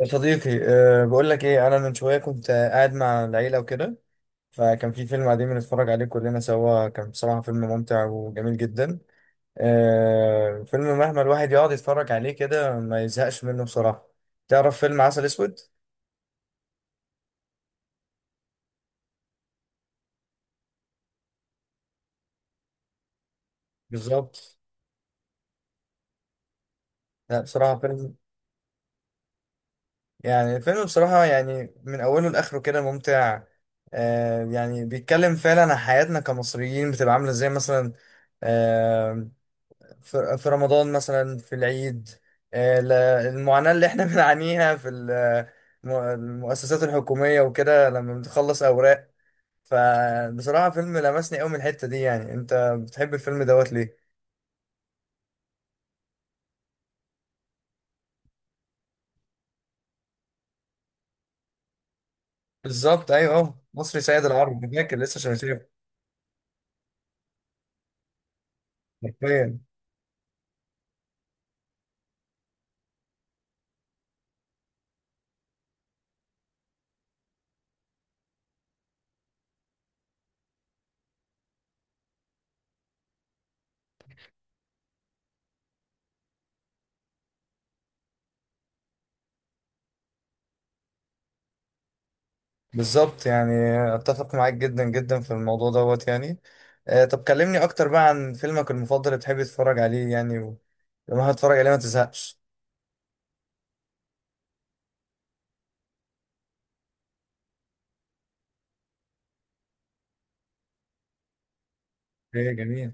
يا صديقي بقول لك ايه انا من شويه كنت قاعد مع العيله وكده. فكان في فيلم قاعدين بنتفرج عليه كلنا سوا، كان بصراحه فيلم ممتع وجميل جدا. فيلم مهما الواحد يقعد يتفرج عليه كده ما يزهقش منه بصراحه. تعرف فيلم عسل اسود؟ بالظبط. لا بصراحه فيلم... يعني فيلم بصراحه، يعني من اوله لاخره كده ممتع. يعني بيتكلم فعلا عن حياتنا كمصريين بتبقى عامله ازاي مثلا، آه، في رمضان مثلا، في العيد، المعاناة اللي احنا بنعانيها في المؤسسات الحكومية وكده لما بنخلص أوراق. فبصراحة فيلم لمسني قوي من الحتة دي. يعني انت بتحب الفيلم دوت ليه؟ بالظبط، ايوه، اهو مصري سيد العرب، فاكر لسه شايفه. حرفيا. بالظبط يعني، اتفق معاك جدا جدا في الموضوع دوت يعني. طب كلمني اكتر بقى عن فيلمك المفضل اللي بتحب تتفرج عليه يعني لما هتتفرج عليه ما تزهقش. ايه جميل.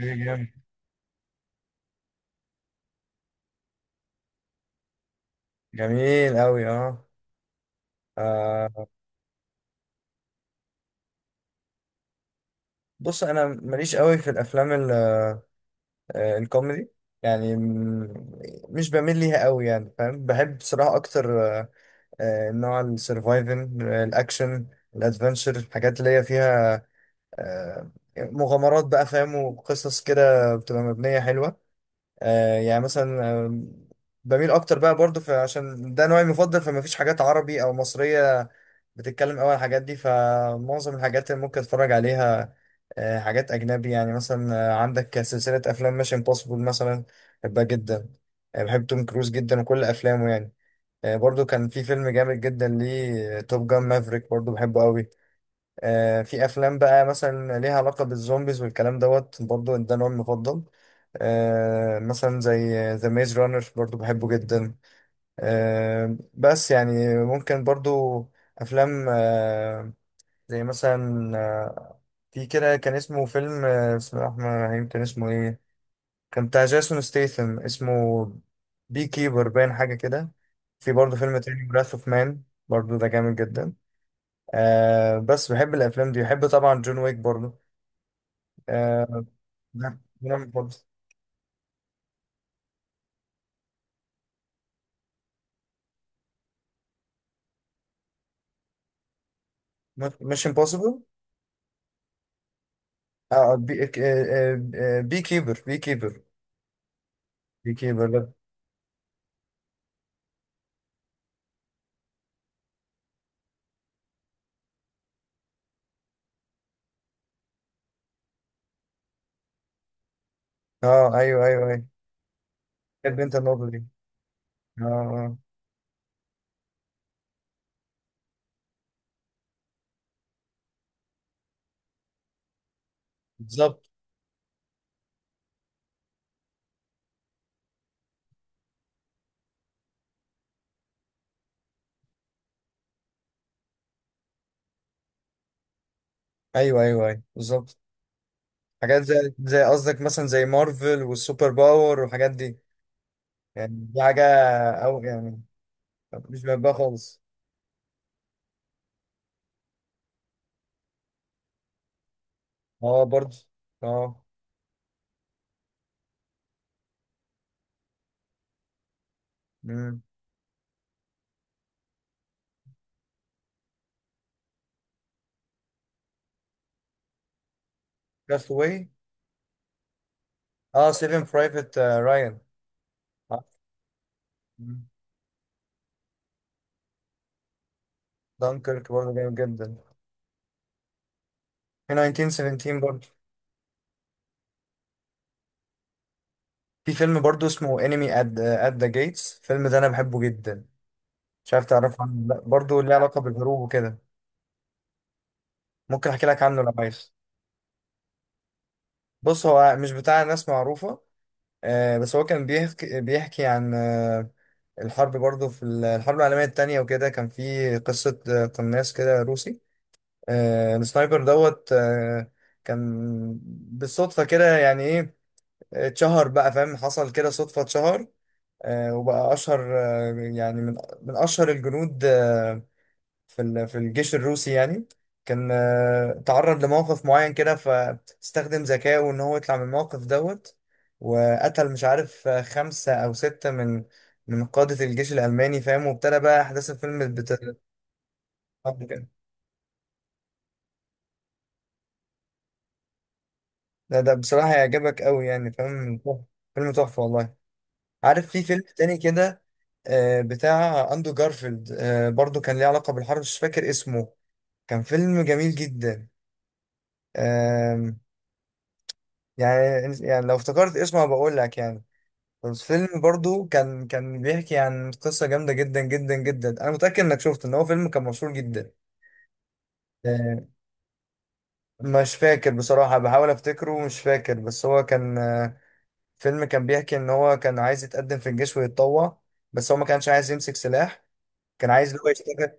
ايه جامد. جميل أوي، اه. آه، بص أنا ماليش أوي في الأفلام الكوميدي، يعني م- مش بميل ليها أوي يعني، فاهم. بحب بصراحة أكتر نوع السرفايفنج، الأكشن، الأدفنشر، الحاجات اللي هي فيها آه، مغامرات بقى فاهم، وقصص كده بتبقى مبنية حلوة. يعني مثلا بميل أكتر بقى برضه عشان ده نوعي المفضل، فمفيش حاجات عربي أو مصرية بتتكلم أوي على الحاجات دي. فمعظم الحاجات اللي ممكن اتفرج عليها حاجات اجنبي يعني. مثلا عندك سلسله افلام ميشن امبوسيبل مثلا، بحبها جدا. بحب توم كروز جدا وكل افلامه يعني. برضو كان في فيلم جامد جدا ليه، توب جان مافريك، برضو بحبه قوي. في افلام بقى مثلا ليها علاقه بالزومبيز والكلام دوت، برضو ده نوع المفضل. مثلا زي ذا ميز رانر برضو بحبه جدا. بس يعني ممكن برضو افلام زي مثلا في كده كان اسمه فيلم، بسم الله الرحمن الرحيم كان اسمه ايه، كان بتاع جاسون ستيثم، اسمه بي كيبر، باين حاجة كده. في برضه فيلم تاني، براث اوف مان، برضه ده جامد جدا. بس بحب الافلام دي، بحب طبعا جون ويك برضه. آه ده ده من برضه. مش امبوسيبل. اه، بي، بي كيبر، بي كيبر ده. اه ايوه، ايوه، ايوه. بحب انت النقطة دي، اه. بالظبط. ايوه، ايوه، ايوه، بالظبط. حاجات زي قصدك مثلا، زي مارفل والسوبر باور والحاجات دي. يعني دي حاجة أو يعني مش بحبها خالص. اه برضه، اه. كاست واي. اه، سيفن برايفت رايان. دانكيرك برضه جامد جدا. في 1917 برضه. في فيلم برضه اسمه انمي ات ذا جيتس، الفيلم ده انا بحبه جدا. مش عارف تعرفه عنه ولا لأ. برضه ليه علاقة بالهروب وكده. ممكن احكي لك عنه لو عايز. بص، هو مش بتاع ناس معروفة، بس هو كان بيحكي عن الحرب برضه، في الحرب العالمية التانية وكده. كان في قصة قناص كده روسي، السنايبر دوت، كان بالصدفة كده، يعني ايه اتشهر بقى فاهم، حصل كده صدفة اتشهر. وبقى أشهر يعني من أشهر الجنود في الجيش الروسي يعني. كان تعرض لموقف معين كده، فاستخدم ذكائه ان هو يطلع من الموقف دوت، وقتل مش عارف خمسة او ستة من قادة الجيش الألماني فاهم، وابتدى بقى أحداث الفيلم ده بصراحة هيعجبك أوي يعني فاهم، فيلم تحفة والله. عارف في فيلم تاني كده، بتاع أندرو جارفيلد، برضو كان ليه علاقة بالحرب، مش فاكر اسمه. كان فيلم جميل جدا يعني. يعني لو افتكرت اسمه بقول لك يعني. الفيلم برضو كان بيحكي عن قصة جامدة جدا جدا جدا، انا متأكد انك شفته، ان هو فيلم كان مشهور جدا. آه، مش فاكر بصراحة، بحاول افتكره ومش فاكر. بس هو كان فيلم كان بيحكي ان هو كان عايز يتقدم في الجيش ويتطوع، بس هو ما كانش عايز يمسك سلاح. كان عايز اللي هو يشتغل.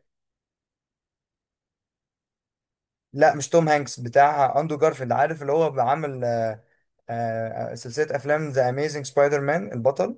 لا مش توم هانكس، بتاع اندرو جارفيلد. عارف اللي هو بعمل سلسلة افلام ذا اميزنج سبايدر مان، البطل.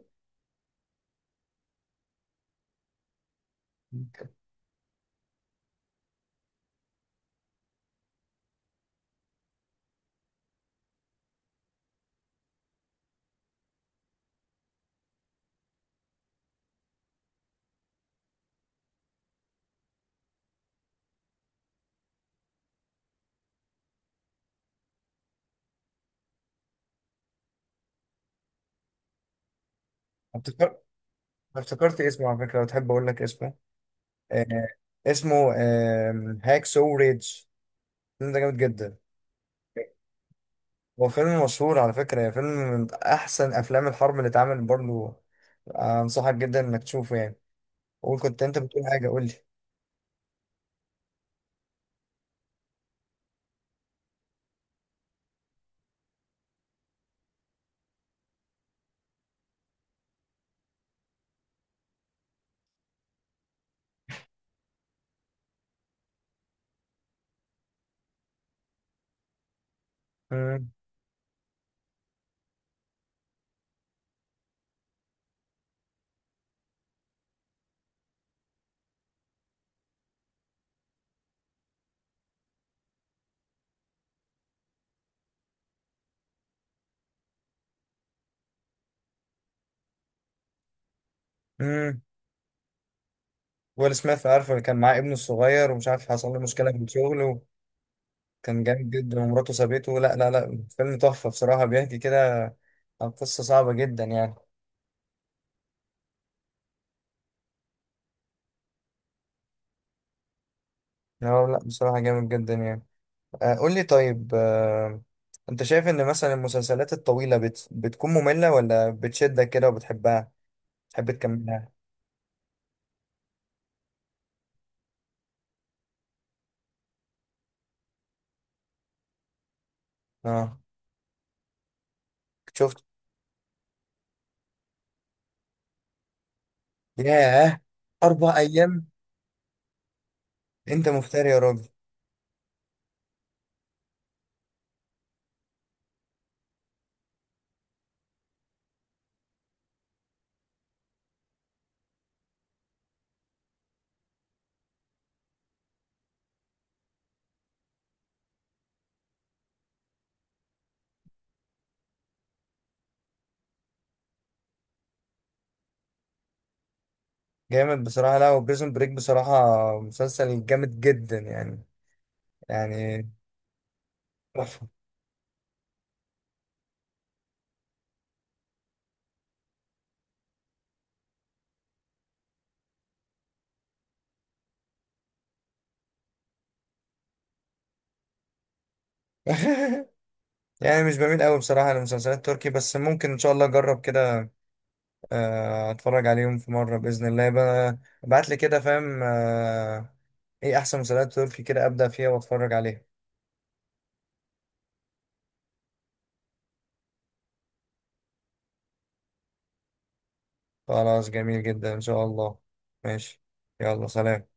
أنا افتكرت اسمه على فكرة، لو تحب أقول لك اسمه. آه اسمه هاك سو ريدج. الفيلم ده جامد جدا. هو فيلم مشهور على فكرة يعني، فيلم من أحسن أفلام الحرب اللي اتعمل برضه. أنصحك جدا إنك تشوفه يعني. قول، كنت أنت بتقول حاجة، قول لي. مم. مم. ويل سميث، عارفه اللي كان معاه ابنه الصغير ومش عارف حصل له مشكلة في الشغل، وكان جامد جدا ومراته سابته. لا لا لا، فيلم تحفة بصراحة، بيحكي كده عن قصة صعبة جدا يعني. لا لا بصراحة جامد جدا يعني. قول لي طيب انت شايف ان مثلا المسلسلات الطويلة بتكون مملة ولا بتشدك كده وبتحبها، تحب تكملها؟ اه، شفت. ياه، 4 ايام، انت مفتري يا راجل. جامد بصراحة، لا وبريزون بريك بصراحة مسلسل جامد جدا يعني، يعني تحفة. يعني مش بميل قوي بصراحة للمسلسلات التركي، بس ممكن ان شاء الله اجرب كده، اتفرج عليهم في مرة بإذن الله بقى. ابعت لي كده فاهم، ايه احسن مسلسلات تركي كده ابدأ فيها واتفرج عليها. خلاص، جميل جدا ان شاء الله. ماشي. يلا سلام.